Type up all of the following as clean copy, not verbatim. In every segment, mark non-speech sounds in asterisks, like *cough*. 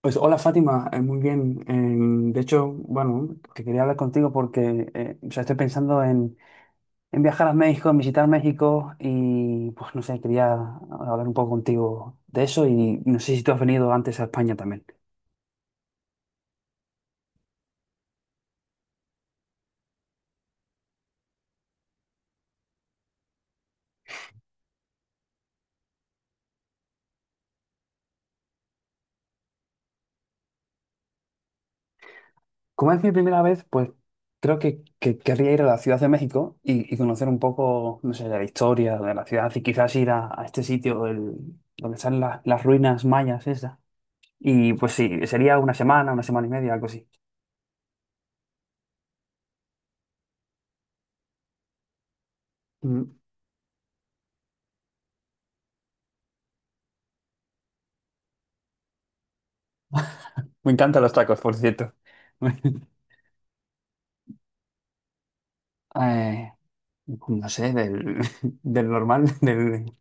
Pues hola Fátima, muy bien. De hecho, bueno, que quería hablar contigo porque o sea, estoy pensando en viajar a México, en visitar México y pues no sé, quería hablar un poco contigo de eso y no sé si tú has venido antes a España también. Como es mi primera vez, pues creo que querría ir a la Ciudad de México y conocer un poco, no sé, la historia de la ciudad y quizás ir a este sitio donde están las ruinas mayas esas. Y pues sí, sería una semana y media, algo así. Me encantan los tacos, por cierto. *laughs* Eh, no sé, *laughs* del normal, del.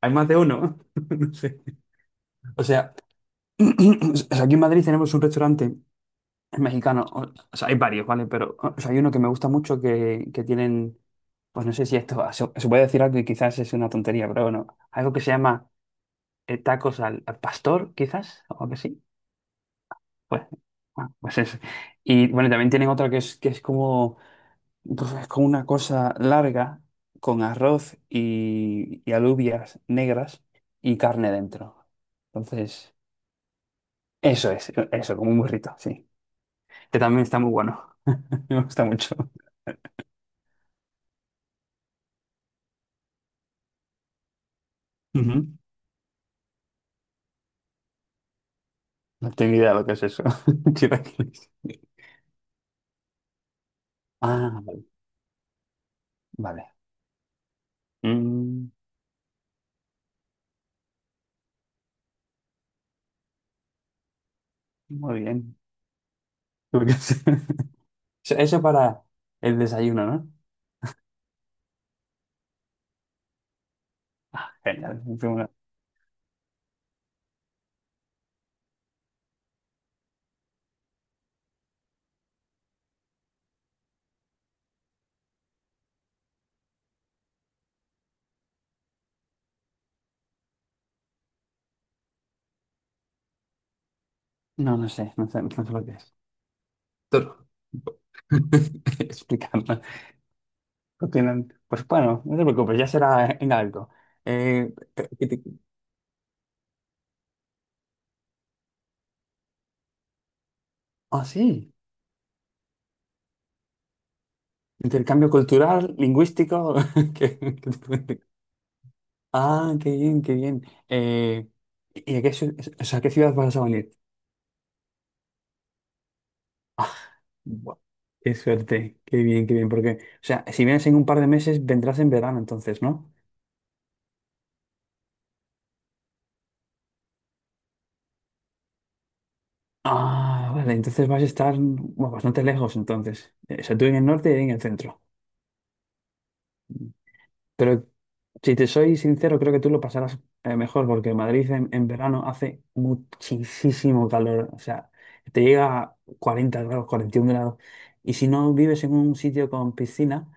Hay más de uno. *laughs* No sé. O sea, *clears throat* o sea, aquí en Madrid tenemos un restaurante mexicano. O sea, hay varios, ¿vale? Pero o sea, hay uno que me gusta mucho que tienen. Pues no sé si esto se puede decir algo que quizás es una tontería, pero bueno. Algo que se llama tacos al pastor, quizás, o algo así. Pues, ah, pues eso. Y bueno, también tienen otra que es como. Pues es como una cosa larga, con arroz y alubias negras y carne dentro. Entonces, eso, como un burrito, sí. Que también está muy bueno, *laughs* me gusta mucho. Ujú. No tengo idea de lo que es eso. *laughs* Chilaquiles. Ah, vale. Vale. Mm, muy bien. Porque es- *laughs* Eso para el desayuno, ¿no? Genial. No, no sé lo que es. Toro. *laughs* Explicarme. No tienen- Pues bueno, no te preocupes, ya será en algo. Que te- ah, sí, intercambio cultural, lingüístico. *laughs* que te cuente. Ah, qué bien, qué bien. Eh, ¿Y o sea, a qué ciudad vas a venir? Ah, bu- qué suerte, qué bien, porque, o sea, si vienes en un par de meses, vendrás en verano entonces, ¿no? Ah, vale, entonces vas a estar bueno, bastante lejos entonces. O sea, tú en el norte y en el centro. Pero si te soy sincero, creo que tú lo pasarás mejor porque Madrid en verano hace muchísimo calor. O sea, te llega a 40 grados, 41 grados. Y si no vives en un sitio con piscina,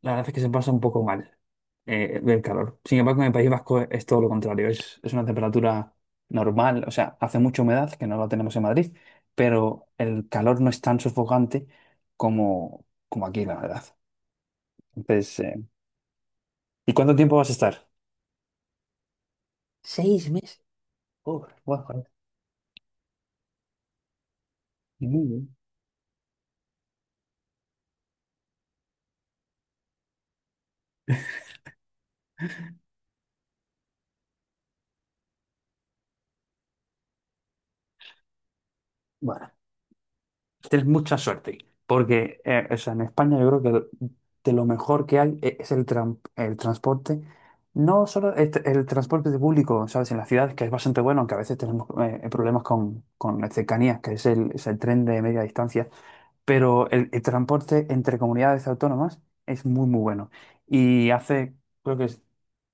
la verdad es que se pasa un poco mal el calor. Sin embargo, en el País Vasco es todo lo contrario. Es una temperatura normal. O sea, hace mucha humedad, que no la tenemos en Madrid, pero el calor no es tan sofocante como aquí, la verdad. Entonces, ¿y cuánto tiempo vas a estar? 6 meses. Uf, bueno, joder, muy bien. Bueno, tienes mucha suerte, porque o sea, en España yo creo que de lo mejor que hay es el transporte, no solo el transporte de público, ¿sabes? En la ciudad, que es bastante bueno, aunque a veces tenemos problemas con las cercanías, que es el tren de media distancia, pero el transporte entre comunidades autónomas es muy, muy bueno. Y hace, creo que es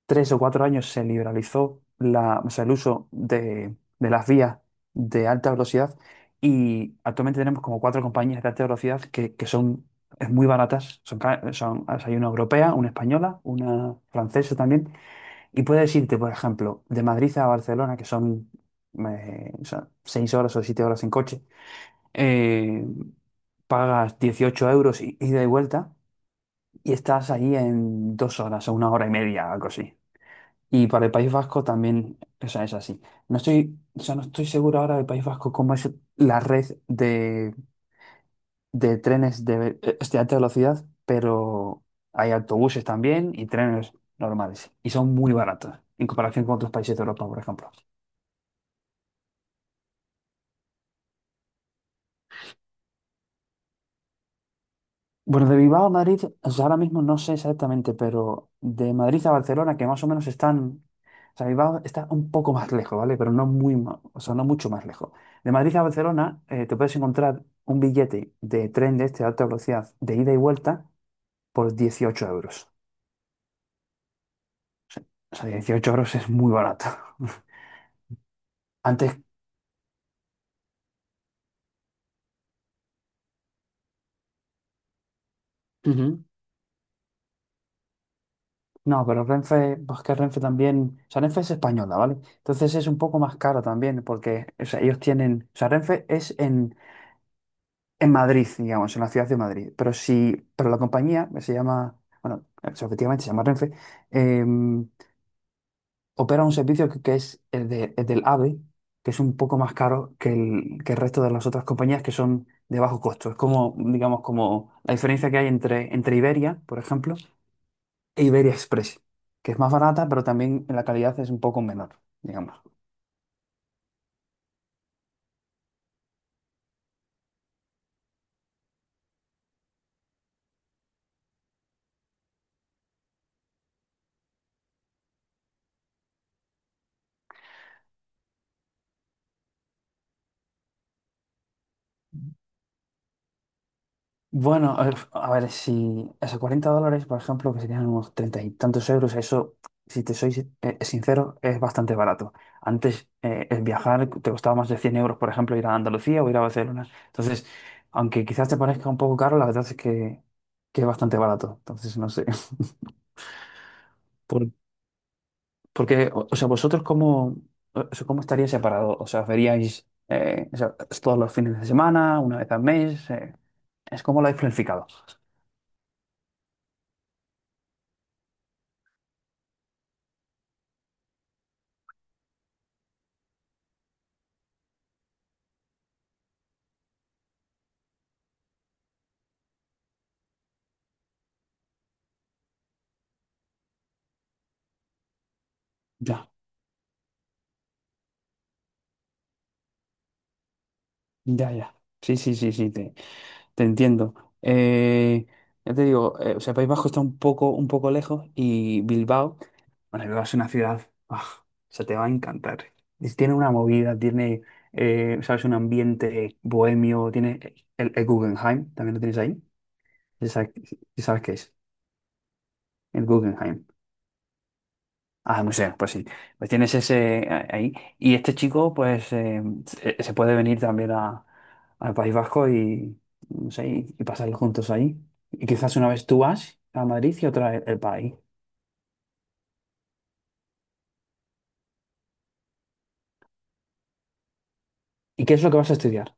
3 o 4 años se liberalizó la, o sea, el uso de las vías de alta velocidad y actualmente tenemos como cuatro compañías de alta velocidad que son muy baratas. Son, o sea, hay una europea, una española, una francesa también. Y puedes irte, por ejemplo, de Madrid a Barcelona, que son, o sea, 6 horas o 7 horas en coche. eh, Pagas 18 euros ida y vuelta y estás ahí en 2 horas o 1 hora y media, algo así. Y para el País Vasco también, o sea, es así. No estoy, o sea, no estoy seguro ahora del País Vasco cómo es la red de trenes de, este, alta velocidad, pero hay autobuses también y trenes normales. Y son muy baratos en comparación con otros países de Europa, por ejemplo. Bueno, de Bilbao a Madrid, o sea, ahora mismo no sé exactamente, pero de Madrid a Barcelona, que más o menos están. O sea, Bilbao está un poco más lejos, ¿vale? Pero no muy, o sea, no mucho más lejos. De Madrid a Barcelona, te puedes encontrar un billete de tren de este de alta velocidad de ida y vuelta por 18 euros. O sea, 18 euros es muy barato. *laughs* Antes, Ujú. No, pero Renfe, pues que Renfe también, o sea, Renfe es española, ¿vale? Entonces es un poco más caro también, porque, o sea, ellos tienen, o sea, Renfe es en, Madrid, digamos, en la ciudad de Madrid. Pero si, pero la compañía se llama, bueno, es- efectivamente se llama Renfe, eh, opera un servicio que es el del AVE, que es un poco más caro que que el resto de las otras compañías que son de bajo costo. Es como, digamos, como la diferencia que hay entre Iberia, por ejemplo, e Iberia Express, que es más barata, pero también en la calidad es un poco menor, digamos. Bueno, a ver, si esos 40 dólares, por ejemplo, que serían unos treinta y tantos euros, eso, si te soy sincero, es bastante barato. Antes, el viajar te costaba más de 100 euros, por ejemplo, ir a Andalucía o ir a Barcelona. Entonces, aunque quizás te parezca un poco caro, la verdad es que es bastante barato. Entonces, no sé. *laughs* Por- porque, o sea, vosotros, ¿cómo, o sea, cómo estaría separado? O sea, ¿os veríais o sea, todos los fines de semana, una vez al mes? ¿Es como lo habéis planificado? Ya. Ya, ya. Sí, sí, sí, sí, te entiendo. Eh, ya te digo, o sea, País Vasco está un poco lejos y Bilbao, bueno, Bilbao es una ciudad, ah, se te va a encantar. Y tiene una movida, tiene, sabes, un ambiente bohemio, tiene el Guggenheim, también lo tienes ahí. Ya sabes, ya sabes qué es, el Guggenheim. Ah, museo, pues sí. Pues tienes ese ahí. Y este chico, pues, se puede venir también al País Vasco y, no sé, y pasarlo juntos ahí. Y quizás una vez tú vas a Madrid y otra el país. ¿Y qué es lo que vas a estudiar?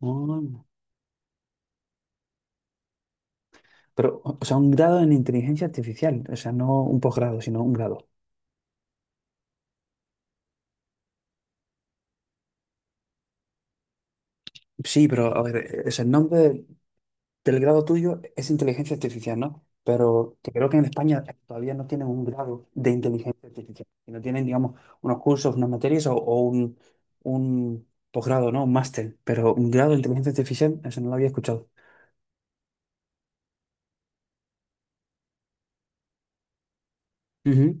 Mm. Pero, o sea, un grado en inteligencia artificial. O sea, no un posgrado, sino un grado. Sí, pero a ver, es el nombre. Pero el grado tuyo es inteligencia artificial, ¿no? Pero que creo que en España todavía no tienen un grado de inteligencia artificial, no tienen, digamos, unos cursos, unas materias o un posgrado, ¿no? Un máster, pero un grado de inteligencia artificial, eso no lo había escuchado. Ujú.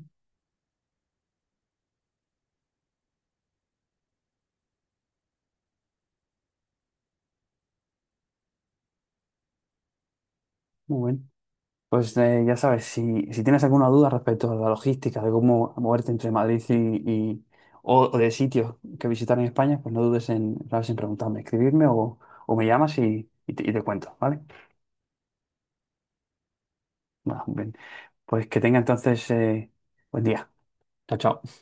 Muy bueno. Pues ya sabes, si tienes alguna duda respecto a la logística, de cómo moverte entre Madrid y, y- o, de sitios que visitar en España, pues no dudes en, sabes, en preguntarme, escribirme o me llamas y te cuento, ¿vale? Bueno, bien. Pues que tenga entonces buen día. Chao, chao.